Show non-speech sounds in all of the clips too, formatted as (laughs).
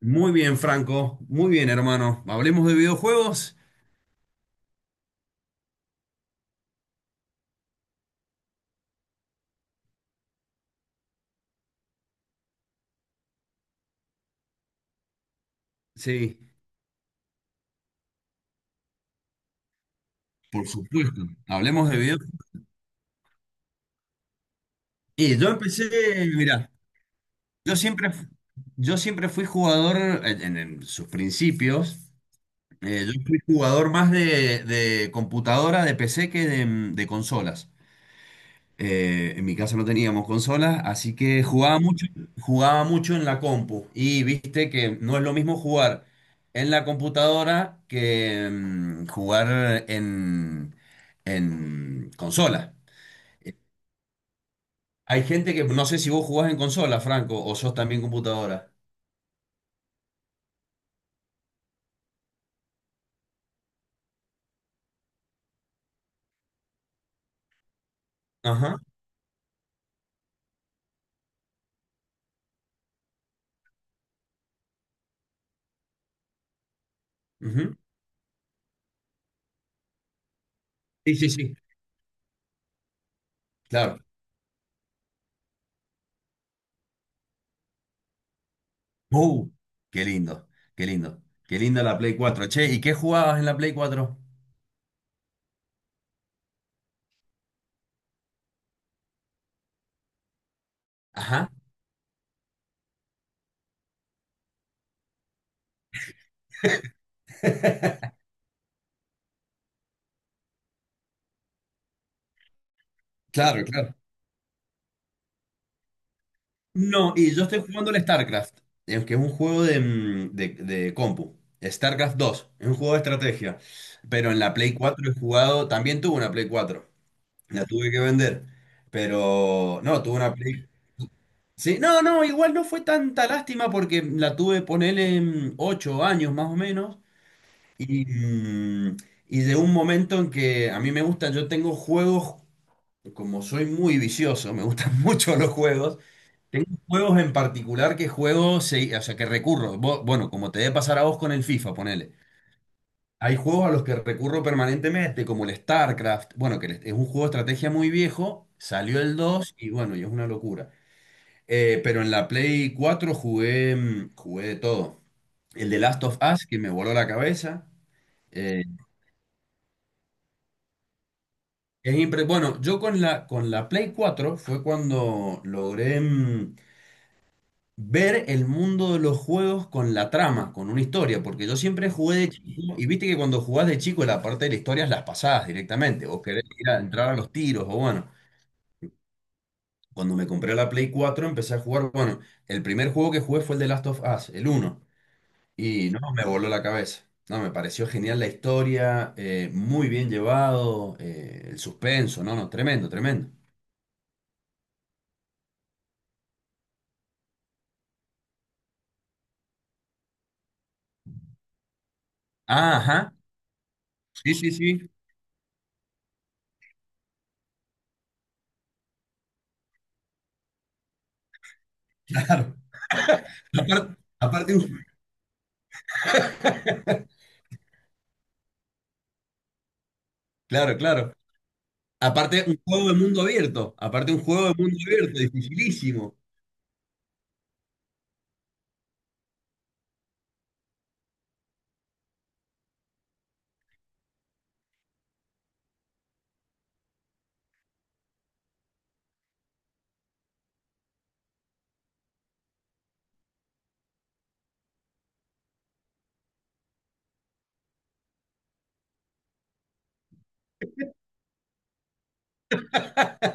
Muy bien, Franco. Muy bien, hermano. ¿Hablemos de videojuegos? Sí, por supuesto. Hablemos de videojuegos. Y yo empecé, mira, yo siempre, yo siempre fui jugador, en sus principios. Yo fui jugador más de computadora, de PC que de consolas. En mi casa no teníamos consolas, así que jugaba mucho en la compu. Y viste que no es lo mismo jugar en la computadora que jugar en consola. Hay gente que no sé si vos jugás en consola, Franco, o sos también computadora. Ajá, ujú. Sí, sí, sí. Claro. Uh, qué lindo, qué lindo. Qué linda la Play 4, Che. ¿Y qué jugabas en la Play 4? Ajá. Claro, claro. No, y yo estoy jugando el StarCraft, que es un juego de compu. StarCraft dos, es un juego de estrategia. Pero en la Play 4 he jugado, también tuve una Play 4, la tuve que vender. Pero no, tuve una Play. Sí, no, no, igual no fue tanta lástima porque la tuve, ponele, 8 años más o menos. Y, mm, y de un momento en que a mí me gusta, yo tengo juegos, como soy muy vicioso, me gustan (laughs) mucho los juegos. Tengo juegos en particular que juego, o sea, que recurro. Bueno, como te debe pasar a vos con el FIFA, ponele. Hay juegos a los que recurro permanentemente, como el StarCraft. Bueno, es un juego de estrategia muy viejo, salió el 2 y bueno, y es una locura. Pero en la Play 4 jugué de todo. El de Last of Us, que me voló la cabeza. Eh, bueno, yo con la Play 4 fue cuando logré ver el mundo de los juegos con la trama, con una historia, porque yo siempre jugué de chico, y viste que cuando jugás de chico la parte de la historia es las pasadas directamente, o querés ir a entrar a los tiros, o bueno, cuando me compré la Play 4 empecé a jugar, bueno, el primer juego que jugué fue el de Last of Us, el uno, y no, me voló la cabeza. No, me pareció genial la historia, muy bien llevado, el suspenso, no, no, tremendo, tremendo. Ah, ajá, sí, sí, sí, (laughs) claro. Aparte, aparte, un- claro, claro. Aparte, un juego de mundo abierto. Aparte, un juego de mundo abierto, dificilísimo.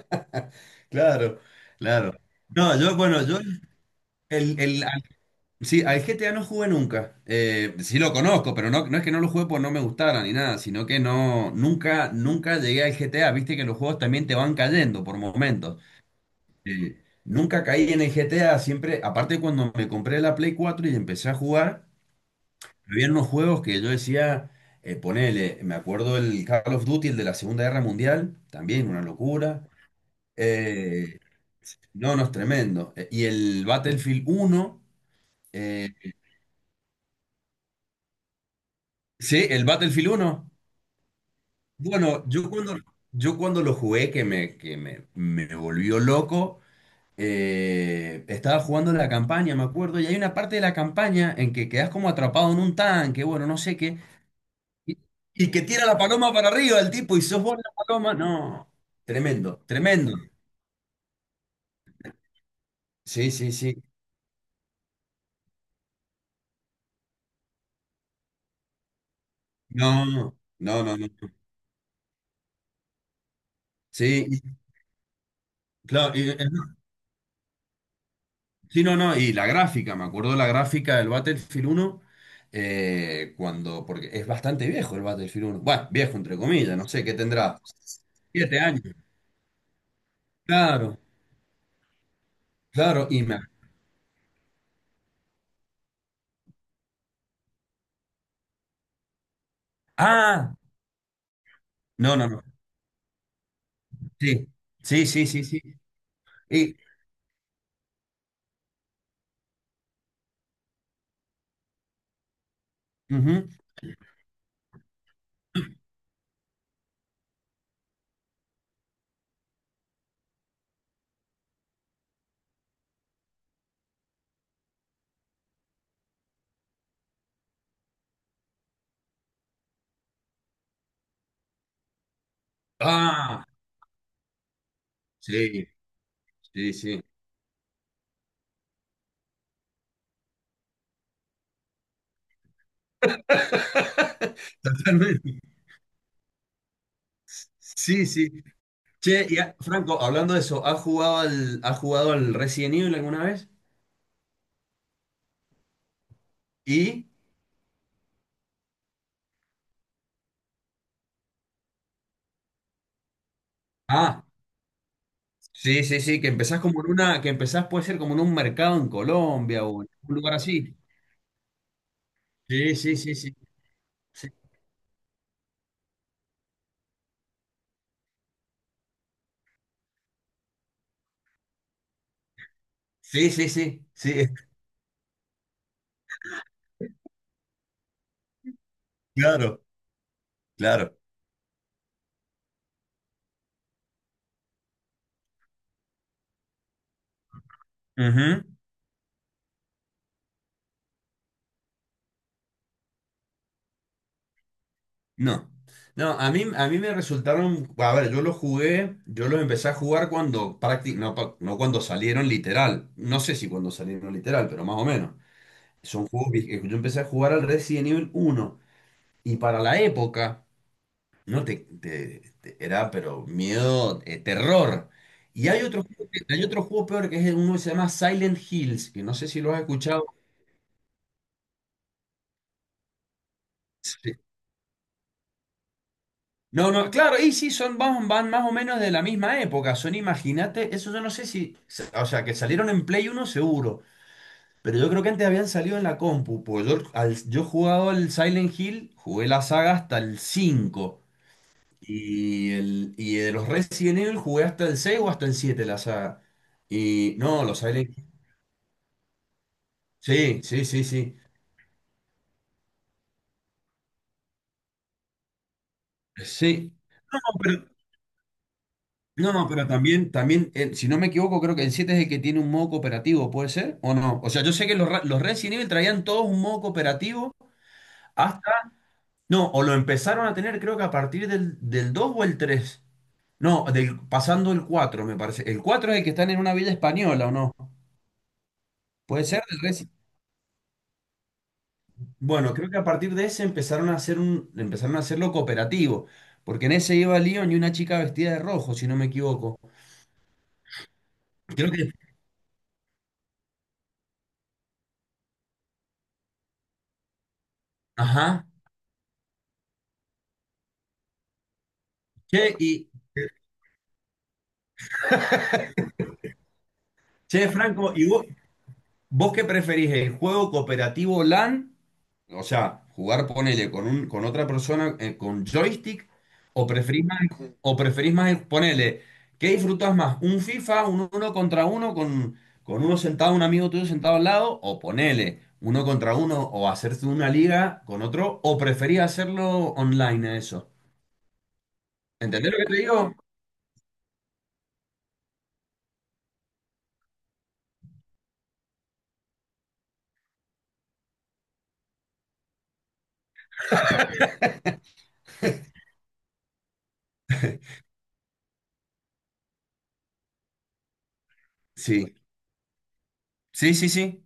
(laughs) Claro, claro. No, yo, bueno, yo, el, al- sí, al GTA no jugué nunca. Sí lo conozco, pero no, no es que no lo jugué porque no me gustara ni nada, sino que no, nunca llegué al GTA. Viste que los juegos también te van cayendo por momentos. Nunca caí en el GTA, siempre, aparte cuando me compré la Play 4 y empecé a jugar. Habían unos juegos que yo decía, ponele, me acuerdo el Call of Duty, el de la Segunda Guerra Mundial, también una locura. Eh, no, no, es tremendo. Y el Battlefield uno. Eh, sí, el Battlefield uno. Bueno, yo cuando lo jugué, que me volvió loco. Estaba jugando la campaña, me acuerdo, y hay una parte de la campaña en que quedas como atrapado en un tanque, bueno, no sé qué. Y, y que tira la paloma para arriba el tipo y sos vos la paloma. No, tremendo, tremendo. Sí, sí, sí. No, no, no, no. No. Sí, claro, no, sí, no, no. Y la gráfica, me acuerdo la gráfica del Battlefield uno. Cuando, porque es bastante viejo el Battlefield uno. Bueno, viejo entre comillas, no sé qué tendrá. 7 años. Claro, claro. Y me... Ah, no, no, no. Sí, sí, sí, sí, sí. Y, ujú. Ah, sí, sí, sí. (laughs) Totalmente. Sí, sí. Che, y Franco, hablando de eso, ¿has jugado al Resident Evil alguna vez? Y. Ah, sí, sí, sí, que empezás como en una. Que empezás, puede ser como en un mercado en Colombia o en un lugar así. Sí, sí, sí, sí. Sí, sí, sí, sí. Sí, (laughs) claro, claro. Ujú. No. No, a mí me resultaron. A ver, yo los jugué, yo los empecé a jugar cuando. No, no cuando salieron literal. No sé si cuando salieron literal, pero más o menos. Yo empecé a jugar al Resident Evil uno. Y para la época, no te, te- te- era pero miedo, terror. Y hay otro juego peor que es uno que se llama Silent Hills, que no sé si lo has escuchado. Sí. No, no, claro, y sí, son, van, más o menos de la misma época. Son, imagínate, eso yo no sé si, o sea, que salieron en Play uno seguro, pero yo creo que antes habían salido en la compu, porque yo he jugado al Silent Hill, jugué la saga hasta el cinco. Y de los Resident Evil jugué hasta el 6 o hasta el 7 la saga. Y no, los Silent Hill. Sí, sí, sí, sí. Sí. No, pero, no, pero, también si no me equivoco, creo que el 7 es el que tiene un modo cooperativo, ¿puede ser? ¿O no? O sea, yo sé que los Resident Evil traían todos un modo cooperativo hasta... No, o lo empezaron a tener creo que a partir del 2 o el tres. No, pasando el 4 me parece. El 4 es el que están en una villa española, ¿o no? ¿Puede ser? Bueno, creo que a partir de ese empezaron a hacerlo cooperativo, porque en ese iba Leon y una chica vestida de rojo, si no me equivoco. Creo que, ajá. Che, y, che, Franco, ¿y vos qué preferís, el juego cooperativo LAN? O sea, jugar, ponele, con otra persona, con joystick, o preferís más, ponele, ¿qué disfrutás más? ¿Un FIFA, un uno contra uno, con uno sentado, un amigo tuyo sentado al lado? O ponele, uno contra uno, o hacerse una liga con otro, o preferís hacerlo online a eso. ¿Entendés lo que te digo? Sí, sí, sí, sí,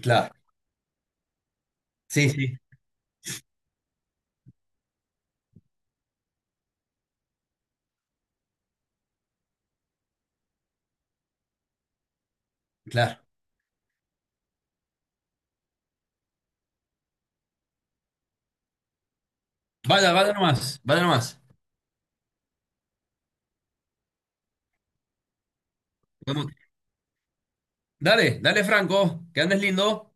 claro, sí, sí, claro. Vaya, vaya nomás, vaya nomás. Vamos. Dale, dale, Franco, que andes lindo.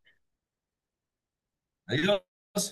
Adiós.